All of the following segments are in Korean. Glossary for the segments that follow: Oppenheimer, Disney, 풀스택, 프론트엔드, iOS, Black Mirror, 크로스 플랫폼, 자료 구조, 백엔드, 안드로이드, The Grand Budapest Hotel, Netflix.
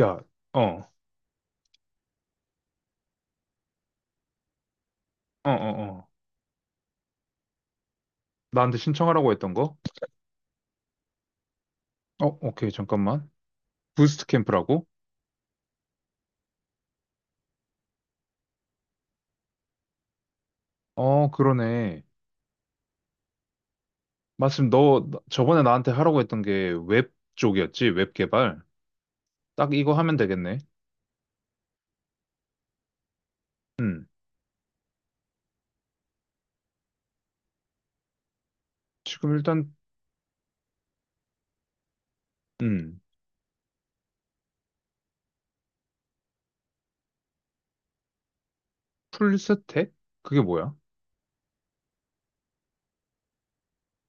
야, 어, 어, 어, 어. 나한테 신청하라고 했던 거? 어, 오케이, 잠깐만. 부스트 캠프라고? 어, 그러네. 마침 저번에 나한테 하라고 했던 게 웹 쪽이었지? 웹 개발? 딱 이거 하면 되겠네. 음. 지금 일단, 음. 풀스택? 그게 뭐야?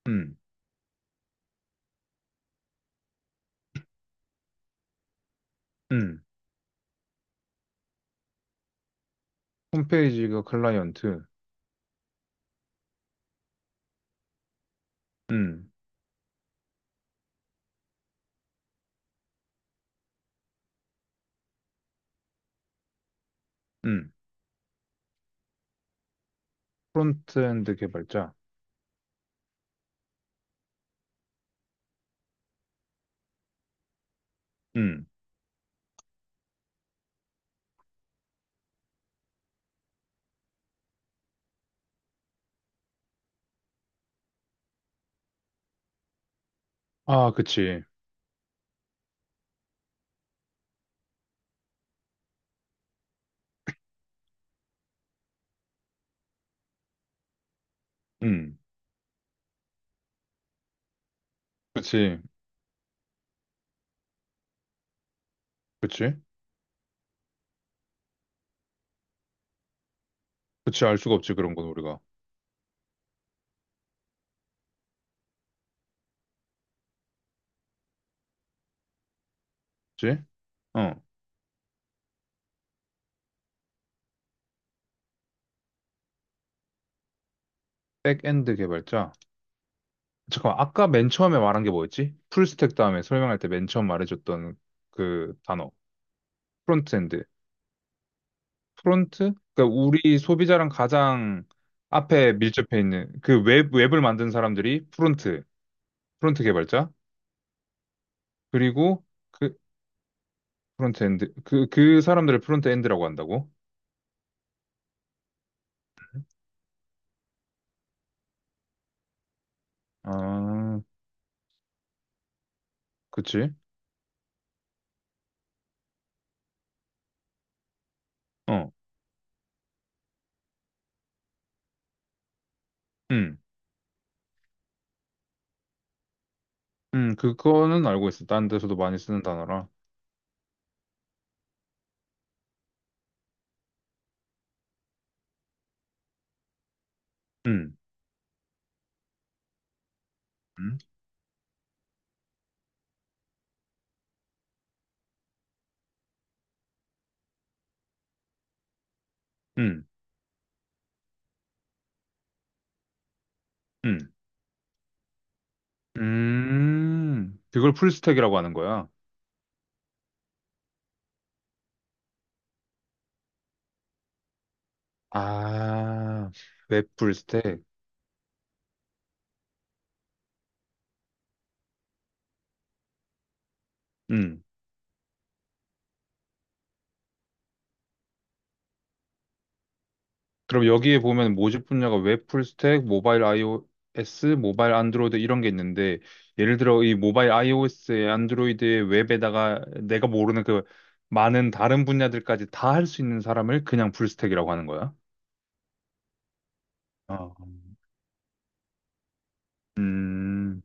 음, 음. 홈페이지가 클라이언트. 음, 음. 프론트엔드 개발자. 음. 아, 그치. 음. 그치. 그치. 그치. 알 수가 없지, 그런 건 우리가. 그치? 어. 백엔드 개발자. 잠깐만, 아까 맨 처음에 말한 게 뭐였지? 풀스택 다음에 설명할 때 맨 처음 말해줬던 그 단어. 프론트엔드. 프론트? 그러니까 우리 소비자랑 가장 앞에 밀접해 있는 그 웹, 웹을 만든 사람들이 프론트, 프론트 개발자. 그리고 그 프론트엔드, 그, 그 사람들을 프론트엔드라고 한다고? 아, 그치? 어, 음, 그거는 알고 있어. 다른 데서도 많이 쓰는 단어라. 음, 음, 음, 음. 그걸 풀스택이라고 하는 거야. 아, 웹 풀스택. 음. 그럼 여기에 보면 모집 분야가 웹 풀스택, 모바일 iOS, 모바일 안드로이드 이런 게 있는데, 예를 들어 이 모바일 iOS에 안드로이드에 웹에다가 내가 모르는 그 많은 다른 분야들까지 다 할 수 있는 사람을 그냥 풀스택이라고 하는 거야. 어. 음,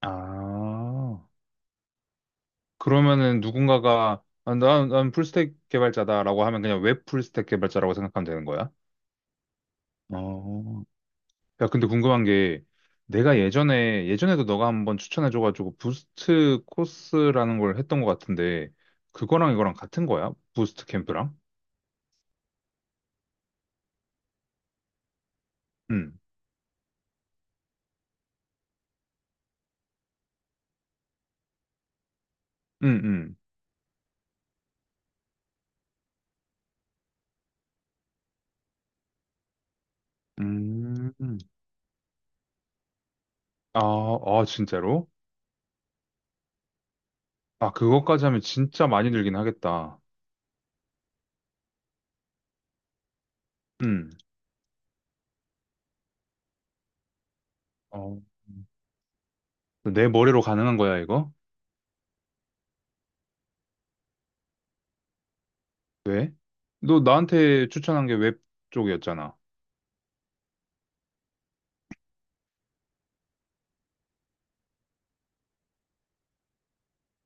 아. 그러면은 누군가가 아, 난 풀스택 개발자다라고 하면 그냥 웹 풀스택 개발자라고 생각하면 되는 거야? 어, 야, 근데 궁금한 게 내가 예전에도 너가 한번 추천해줘가지고 부스트 코스라는 걸 했던 것 같은데 그거랑 이거랑 같은 거야? 부스트 캠프랑? 응, 응, 응. 음, 아, 아, 진짜로? 아, 그거까지 하면 진짜 많이 늘긴 하겠다. 응. 어, 내 머리로 가능한 거야, 이거? 왜? 너 나한테 추천한 게 웹 쪽이었잖아.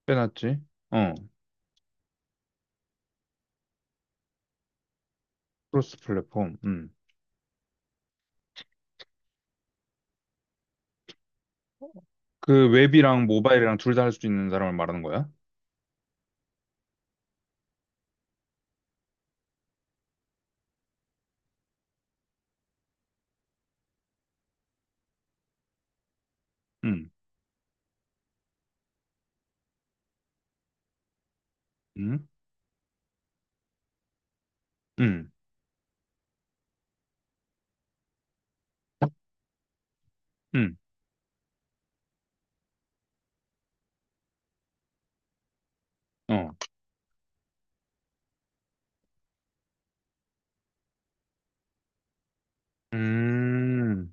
빼놨지? 어, 크로스 플랫폼. 음. 그 웹이랑 모바일이랑 둘 다 할 수 있는 사람을 말하는 거야? 음. 음. 음. 음. 어. 음.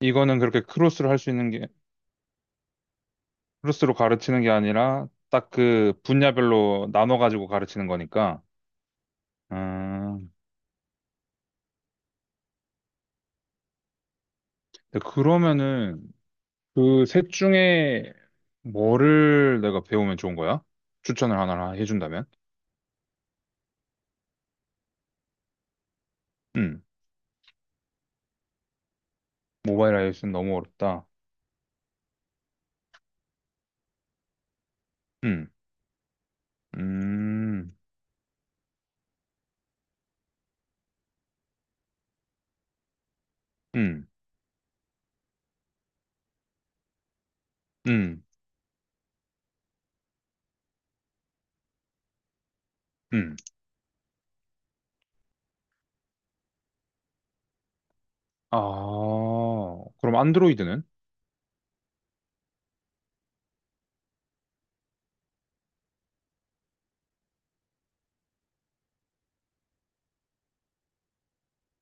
이거는 그렇게 크로스로 할 수 있는 게 크로스로 가르치는 게 아니라 딱 그 분야별로 나눠 가지고 가르치는 거니까. 아. 근데 그러면은 그 셋 중에 뭐를 내가 배우면 좋은 거야? 추천을 하나 해준다면? 음. 모바일 iOS는 너무 어렵다. 음, 음, 음, 음, 음. 아, 그럼 안드로이드는?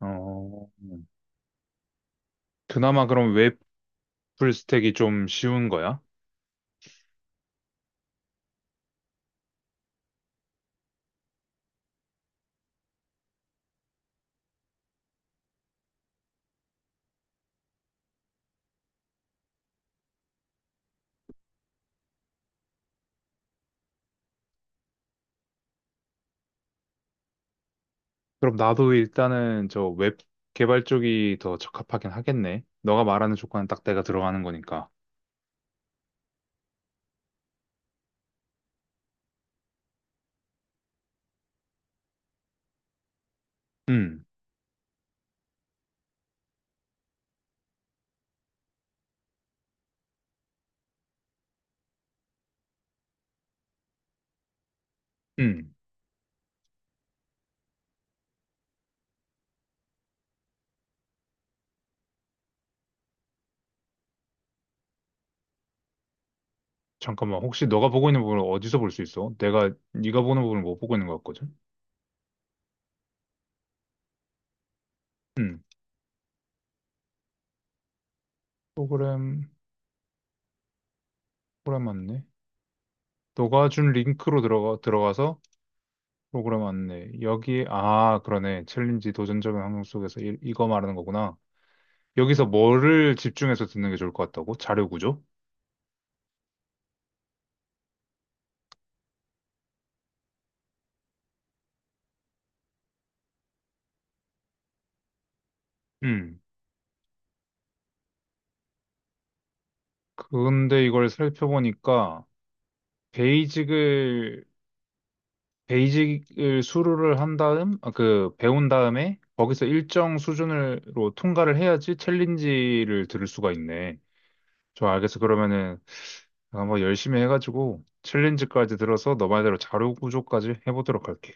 어, 그나마 그럼 웹 풀스택이 좀 쉬운 거야? 그럼 나도 일단은 저 웹 개발 쪽이 더 적합하긴 하겠네. 너가 말하는 조건은 딱 내가 들어가는 거니까. 음, 음. 잠깐만, 혹시 너가 보고 있는 부분을 어디서 볼 수 있어? 내가 네가 보는 부분을 못 보고 있는 것 같거든? 음. 프로그램, 프로그램 맞네. 너가 준 링크로 들어가, 들어가서 프로그램 안내. 여기, 아, 그러네. 챌린지 도전적인 환경 속에서 이거 말하는 거구나. 여기서 뭐를 집중해서 듣는 게 좋을 것 같다고? 자료 구조? 음. 근데 이걸 살펴보니까, 베이직을, 베이직을 수료를 한 다음, 아, 그, 배운 다음에, 거기서 일정 수준으로 통과를 해야지 챌린지를 들을 수가 있네. 좋아, 알겠어. 그러면은, 한번 열심히 해가지고, 챌린지까지 들어서 너 말대로 자료 구조까지 해보도록 할게.